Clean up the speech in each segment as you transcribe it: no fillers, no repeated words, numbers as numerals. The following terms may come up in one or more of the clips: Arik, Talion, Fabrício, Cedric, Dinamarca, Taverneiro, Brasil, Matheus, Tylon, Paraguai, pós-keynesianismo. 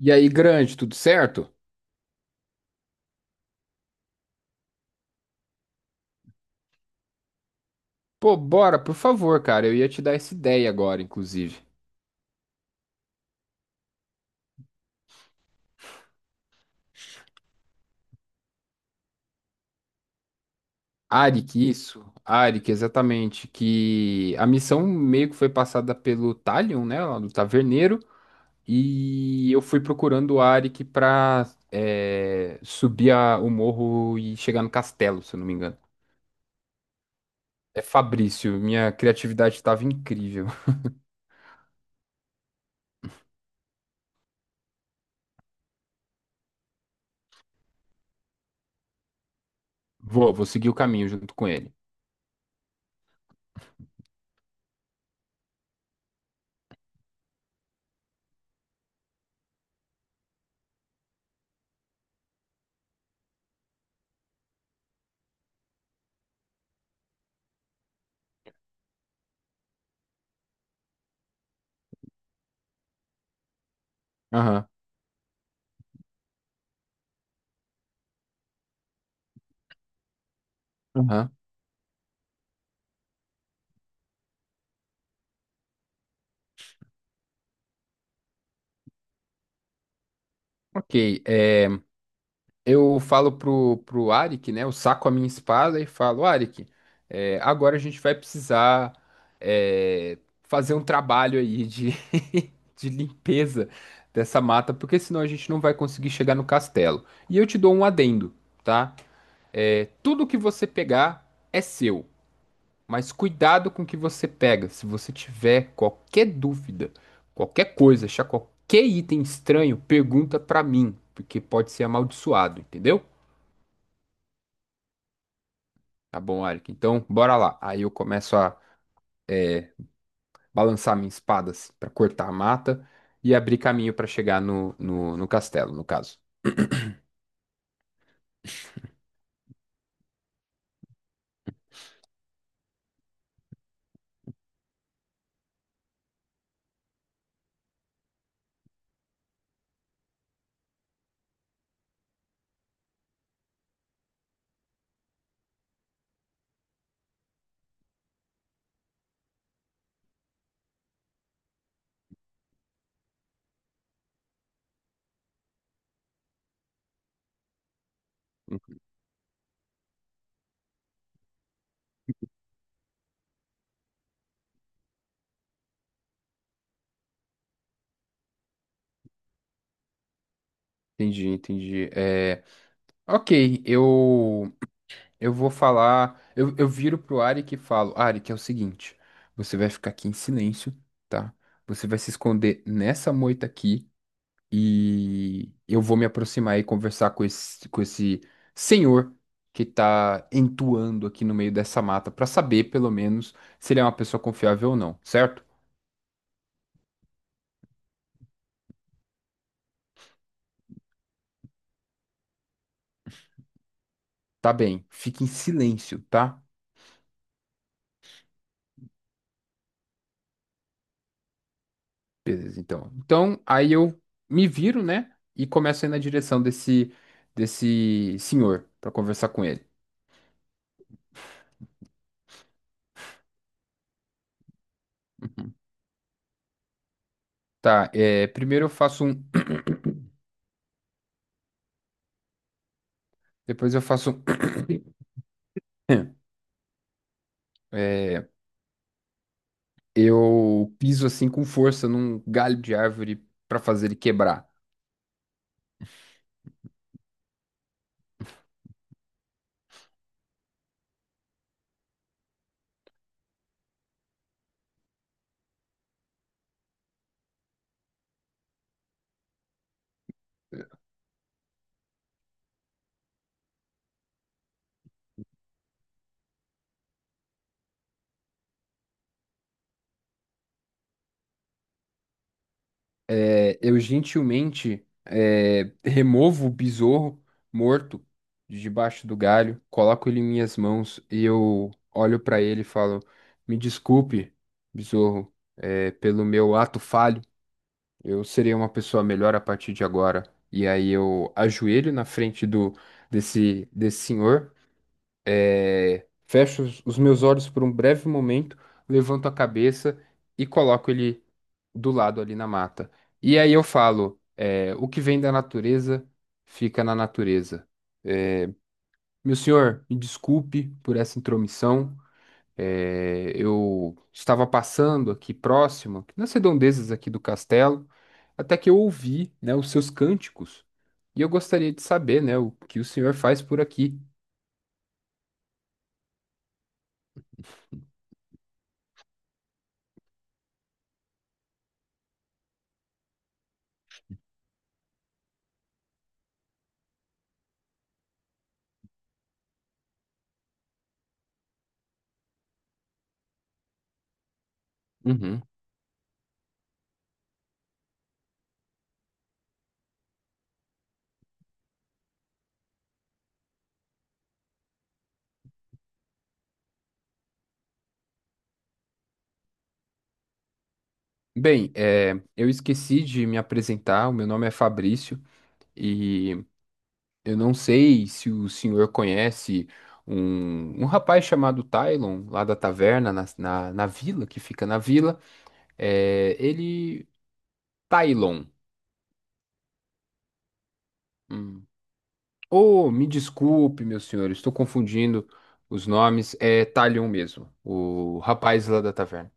E aí, grande, tudo certo? Pô, bora, por favor, cara. Eu ia te dar essa ideia agora, inclusive. Arik, isso. Arik, exatamente. Que a missão meio que foi passada pelo Talion, né? Lá do Taverneiro. E eu fui procurando o Arik pra subir o morro e chegar no castelo, se eu não me engano. É Fabrício, minha criatividade estava incrível. Vou seguir o caminho junto com ele. Aham, aham. Ok, eu falo pro Arik, né? Eu saco a minha espada e falo: Arik, agora a gente vai precisar, é, fazer um trabalho aí de, de limpeza dessa mata, porque senão a gente não vai conseguir chegar no castelo. E eu te dou um adendo, tá? É, tudo que você pegar é seu, mas cuidado com o que você pega. Se você tiver qualquer dúvida, qualquer coisa, achar qualquer item estranho, pergunta pra mim, porque pode ser amaldiçoado, entendeu? Tá bom, Eric. Então, bora lá. Aí eu começo a balançar minha espada assim, para cortar a mata e abrir caminho para chegar no castelo, no caso. Entendi, entendi. É, ok, eu vou falar. Eu viro pro Arik e falo: Arik, é o seguinte, você vai ficar aqui em silêncio, tá? Você vai se esconder nessa moita aqui. E eu vou me aproximar e conversar com esse senhor que está entoando aqui no meio dessa mata para saber, pelo menos, se ele é uma pessoa confiável ou não, certo? Tá bem, fique em silêncio, tá? Beleza, então. Então, aí eu me viro, né? E começo a ir na direção desse, desse senhor para conversar com ele. Tá, é, primeiro eu faço um. Depois eu faço um. É, eu piso assim com força num galho de árvore para fazer ele quebrar. É, eu gentilmente, removo o besouro morto de debaixo do galho, coloco ele em minhas mãos e eu olho para ele e falo: Me desculpe, besouro, pelo meu ato falho. Eu serei uma pessoa melhor a partir de agora. E aí eu ajoelho na frente do desse senhor. Fecho os meus olhos por um breve momento, levanto a cabeça e coloco ele do lado ali na mata. E aí eu falo: é, o que vem da natureza fica na natureza. Meu senhor, me desculpe por essa intromissão. É, eu estava passando aqui próximo, nas redondezas aqui do castelo, até que eu ouvi, né, os seus cânticos. E eu gostaria de saber, né, o que o senhor faz por aqui. Uhum. Bem, eu esqueci de me apresentar. O meu nome é Fabrício e eu não sei se o senhor conhece um rapaz chamado Tylon, lá da taverna, na vila, que fica na vila. Eh, ele. Tylon. Hum. Oh, me desculpe, meu senhor, estou confundindo os nomes. É Tylon mesmo, o rapaz lá da taverna.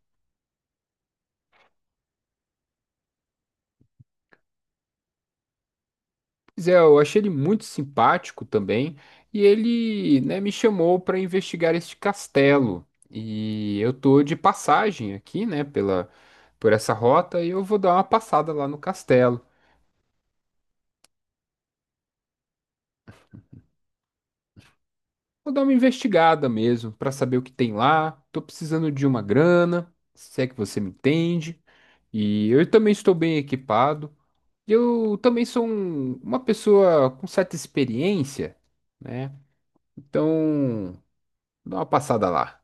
Pois é, eu achei ele muito simpático também, e ele, né, me chamou para investigar este castelo. E eu tô de passagem aqui, né, pela, por essa rota e eu vou dar uma passada lá no castelo. Vou dar uma investigada mesmo para saber o que tem lá. Tô precisando de uma grana, se é que você me entende. E eu também estou bem equipado. E eu também sou uma pessoa com certa experiência, né? Então, dá uma passada lá.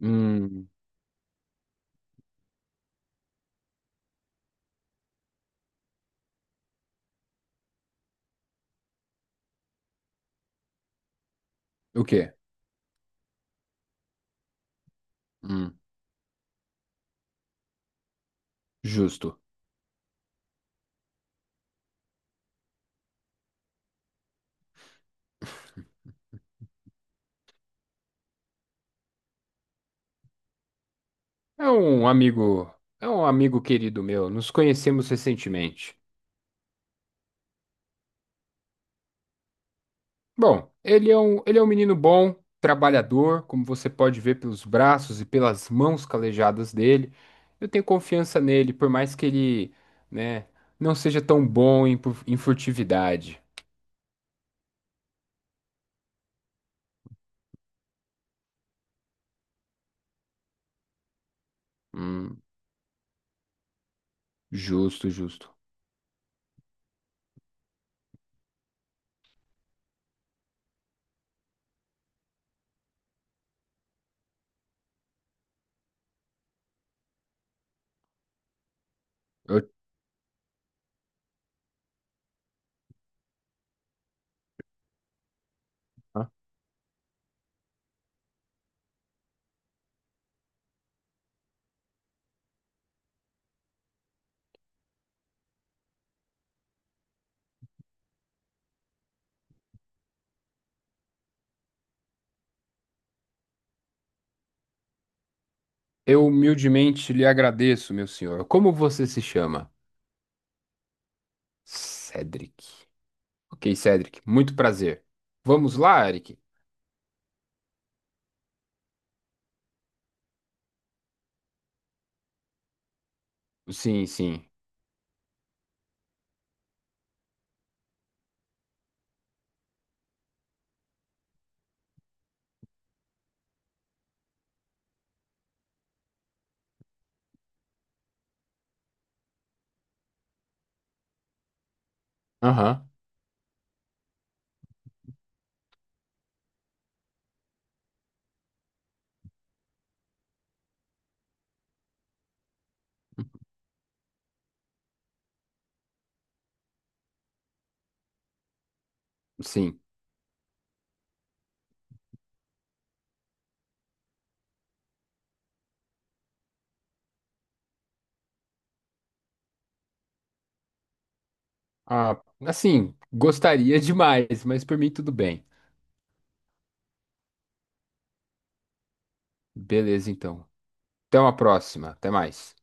Hum. O quê? Hum, justo. É um amigo, é um amigo querido meu. Nos conhecemos recentemente. Bom, ele é um menino bom, trabalhador, como você pode ver pelos braços e pelas mãos calejadas dele. Eu tenho confiança nele, por mais que ele, né, não seja tão bom em, em furtividade. Hum, justo, justo. Eu, eu humildemente lhe agradeço, meu senhor. Como você se chama? Cedric. Ok, Cedric, muito prazer. Vamos lá, Eric? Sim, sim. Aham, sim. Ah, assim, gostaria demais, mas por mim tudo bem. Beleza, então. Até uma próxima. Até mais.